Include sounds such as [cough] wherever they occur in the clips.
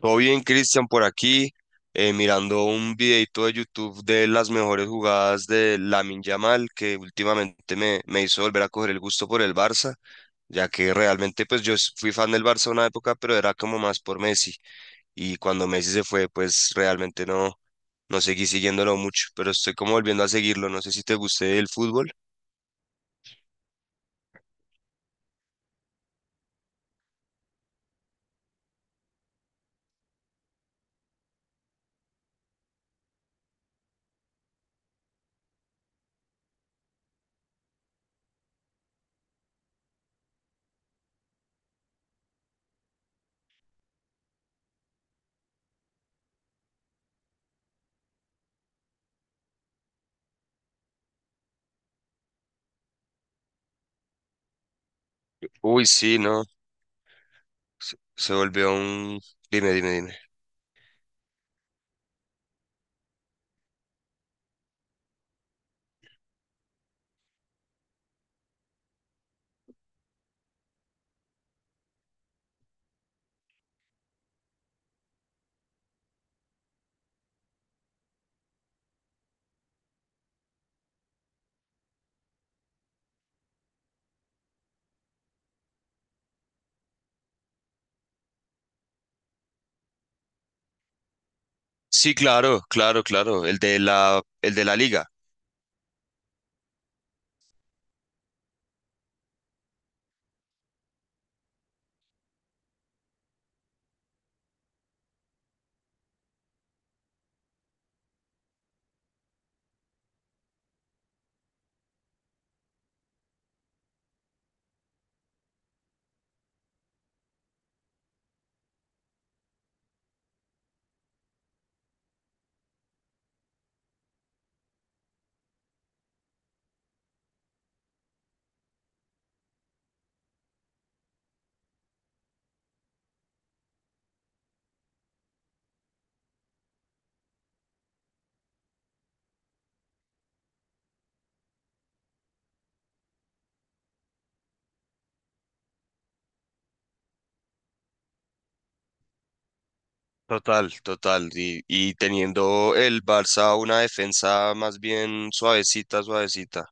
Todo bien, Cristian, por aquí, mirando un videito de YouTube de las mejores jugadas de Lamine Yamal, que últimamente me hizo volver a coger el gusto por el Barça, ya que realmente pues fui fan del Barça una época, pero era como más por Messi. Y cuando Messi se fue, pues realmente no seguí siguiéndolo mucho, pero estoy como volviendo a seguirlo. No sé si te guste el fútbol. Uy, sí, no, se volvió un... Dime, dime, dime. Sí, claro, claro, claro, el de la liga. Total, total. Y teniendo el Barça una defensa más bien suavecita, suavecita.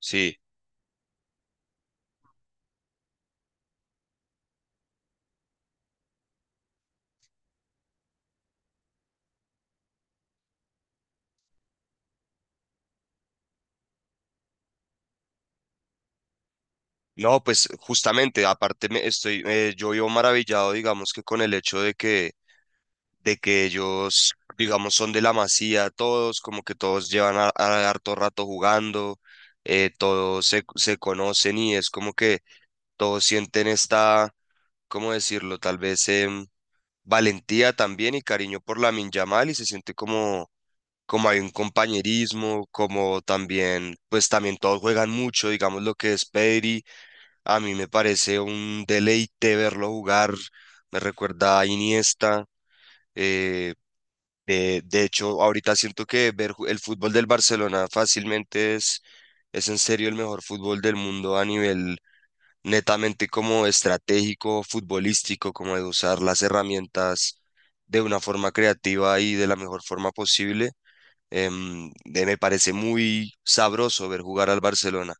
Sí. No, pues justamente, aparte yo vivo maravillado, digamos, que con el hecho de que ellos, digamos, son de la Masía todos, como que todos llevan harto rato jugando, todos se conocen, y es como que todos sienten esta, ¿cómo decirlo? Tal vez valentía también y cariño por la Yamal, y se siente como como hay un compañerismo, como también, pues también todos juegan mucho, digamos lo que es Pedri. A mí me parece un deleite verlo jugar, me recuerda a Iniesta. eh, de hecho, ahorita siento que el fútbol del Barcelona fácilmente es en serio el mejor fútbol del mundo a nivel netamente como estratégico, futbolístico, como de usar las herramientas de una forma creativa y de la mejor forma posible. Me parece muy sabroso ver jugar al Barcelona.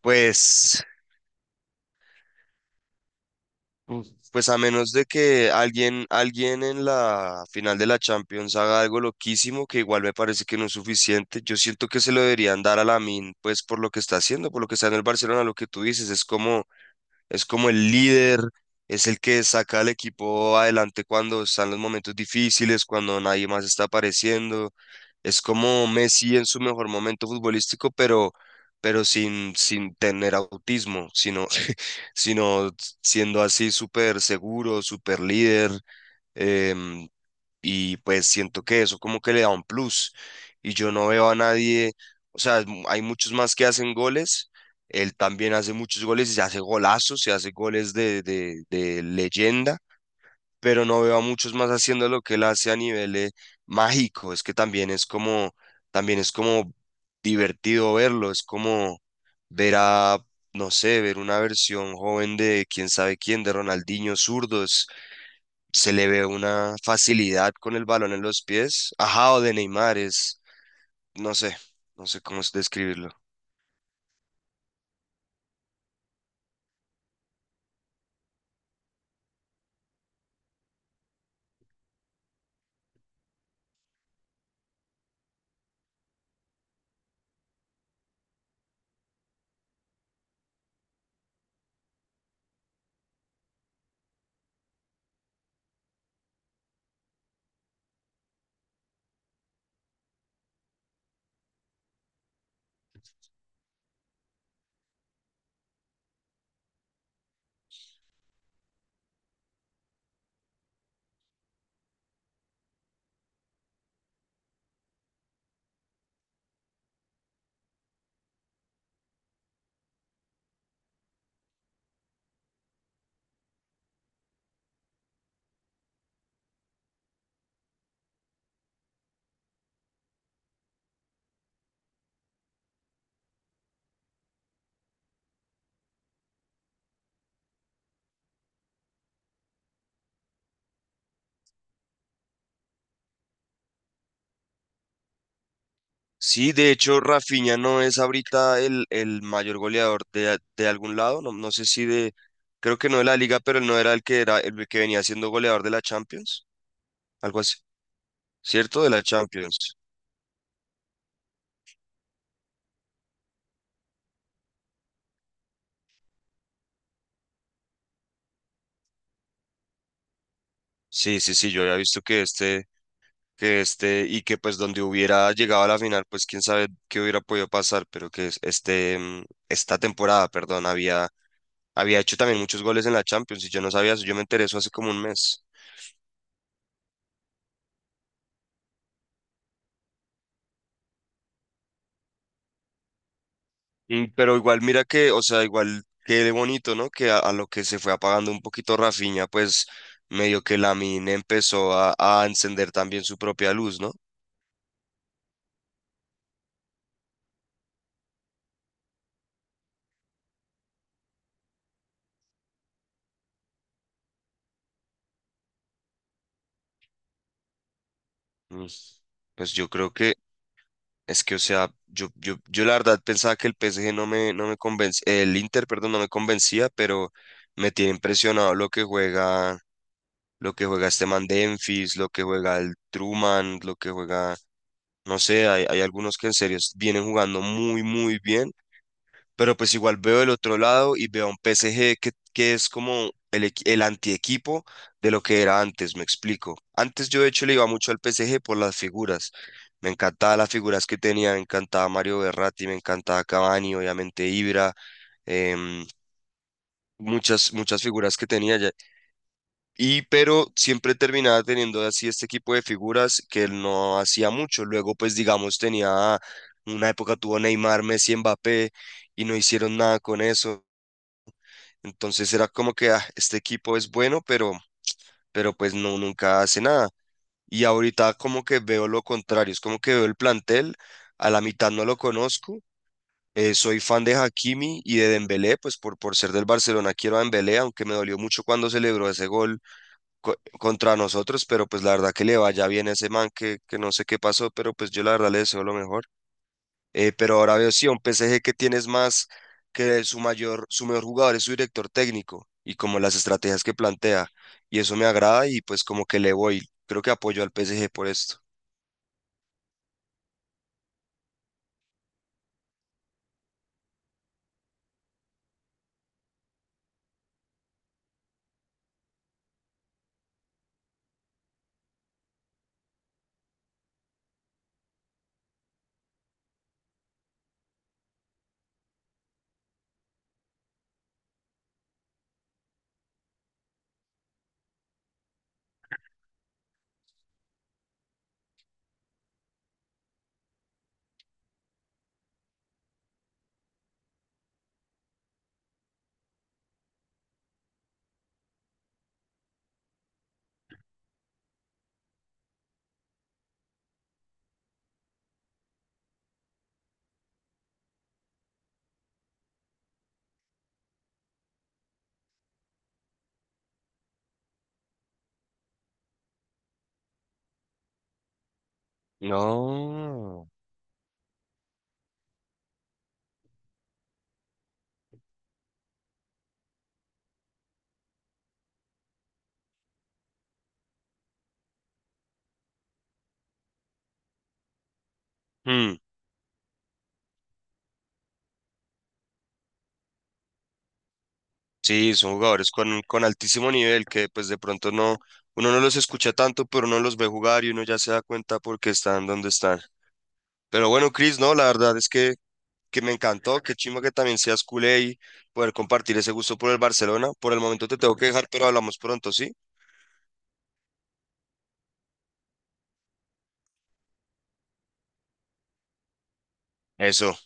Pues, pues a menos de que alguien en la final de la Champions haga algo loquísimo, que igual me parece que no es suficiente, yo siento que se lo deberían dar a Lamin, pues por lo que está haciendo, por lo que está en el Barcelona, lo que tú dices. Es como es como el líder, es el que saca al equipo adelante cuando están los momentos difíciles, cuando nadie más está apareciendo. Es como Messi en su mejor momento futbolístico, pero sin tener autismo, sino, [laughs] sino siendo así súper seguro, súper líder. em, y pues siento que eso como que le da un plus. Y yo no veo a nadie, o sea, hay muchos más que hacen goles. Él también hace muchos goles y se hace golazos, se hace goles de leyenda, pero no veo a muchos más haciendo lo que él hace a nivel mágico. Es que también es como divertido verlo, es como ver a, no sé, ver una versión joven de quién sabe quién, de Ronaldinho zurdo, se le ve una facilidad con el balón en los pies. Ajá, o de Neymar es, no sé, no sé cómo es describirlo. Sí, de hecho, Rafinha no es ahorita el mayor goleador de algún lado. No, no sé si de, creo que no de la liga, pero él no era el que era el que venía siendo goleador de la Champions, algo así, ¿cierto? De la Champions. Sí, sí, sí, yo había visto y que pues donde hubiera llegado a la final, pues quién sabe qué hubiera podido pasar, pero que es- este, mm, esta temporada, perdón, había Había hecho también muchos goles en la Champions y yo no sabía eso, yo me enteré eso hace como un mes. Pero igual mira que, o sea, igual quede bonito, ¿no? Que a lo que se fue apagando un poquito Rafinha, pues medio que Lamine empezó a encender también su propia luz, ¿no? Mm. Pues yo creo que es que, o sea, yo la verdad pensaba que el PSG no me convencía, el Inter, perdón, no me convencía, pero me tiene impresionado lo que juega este man Dumfries, lo que juega el Truman, lo que juega No sé, hay algunos que en serio vienen jugando muy, muy bien, pero pues igual veo el otro lado y veo a un PSG que es como el antiequipo de lo que era antes, me explico. Antes yo de hecho le iba mucho al PSG por las figuras. Me encantaban las figuras que tenía, me encantaba Mario Berratti, me encantaba Cavani, obviamente Ibra, em, muchas, muchas figuras que tenía. Y pero siempre terminaba teniendo así este equipo de figuras que él no hacía mucho. Luego, pues digamos, tenía una época tuvo Neymar, Messi, Mbappé, y no hicieron nada con eso. Entonces era como que "Ah, este equipo es bueno, pero pues no, nunca hace nada". Y ahorita como que veo lo contrario, es como que veo el plantel, a la mitad no lo conozco. Soy fan de Hakimi y de Dembélé, pues por ser del Barcelona quiero a Dembélé, aunque me dolió mucho cuando celebró ese gol contra nosotros, pero pues la verdad que le vaya bien a ese man que no sé qué pasó, pero pues yo la verdad le deseo lo mejor. Pero ahora veo sí, a un PSG que tienes más que su mayor, su mejor jugador es su director técnico y como las estrategias que plantea. Y eso me agrada y pues como que le voy. Creo que apoyo al PSG por esto. No. Mm, sí, son jugadores con altísimo nivel que pues de pronto no, uno no los escucha tanto, pero uno los ve jugar y uno ya se da cuenta por qué están donde están. Pero bueno, Chris, no, la verdad es que me encantó, qué chimba que también seas culé y poder compartir ese gusto por el Barcelona. Por el momento te tengo que dejar, pero hablamos pronto, ¿sí? Eso.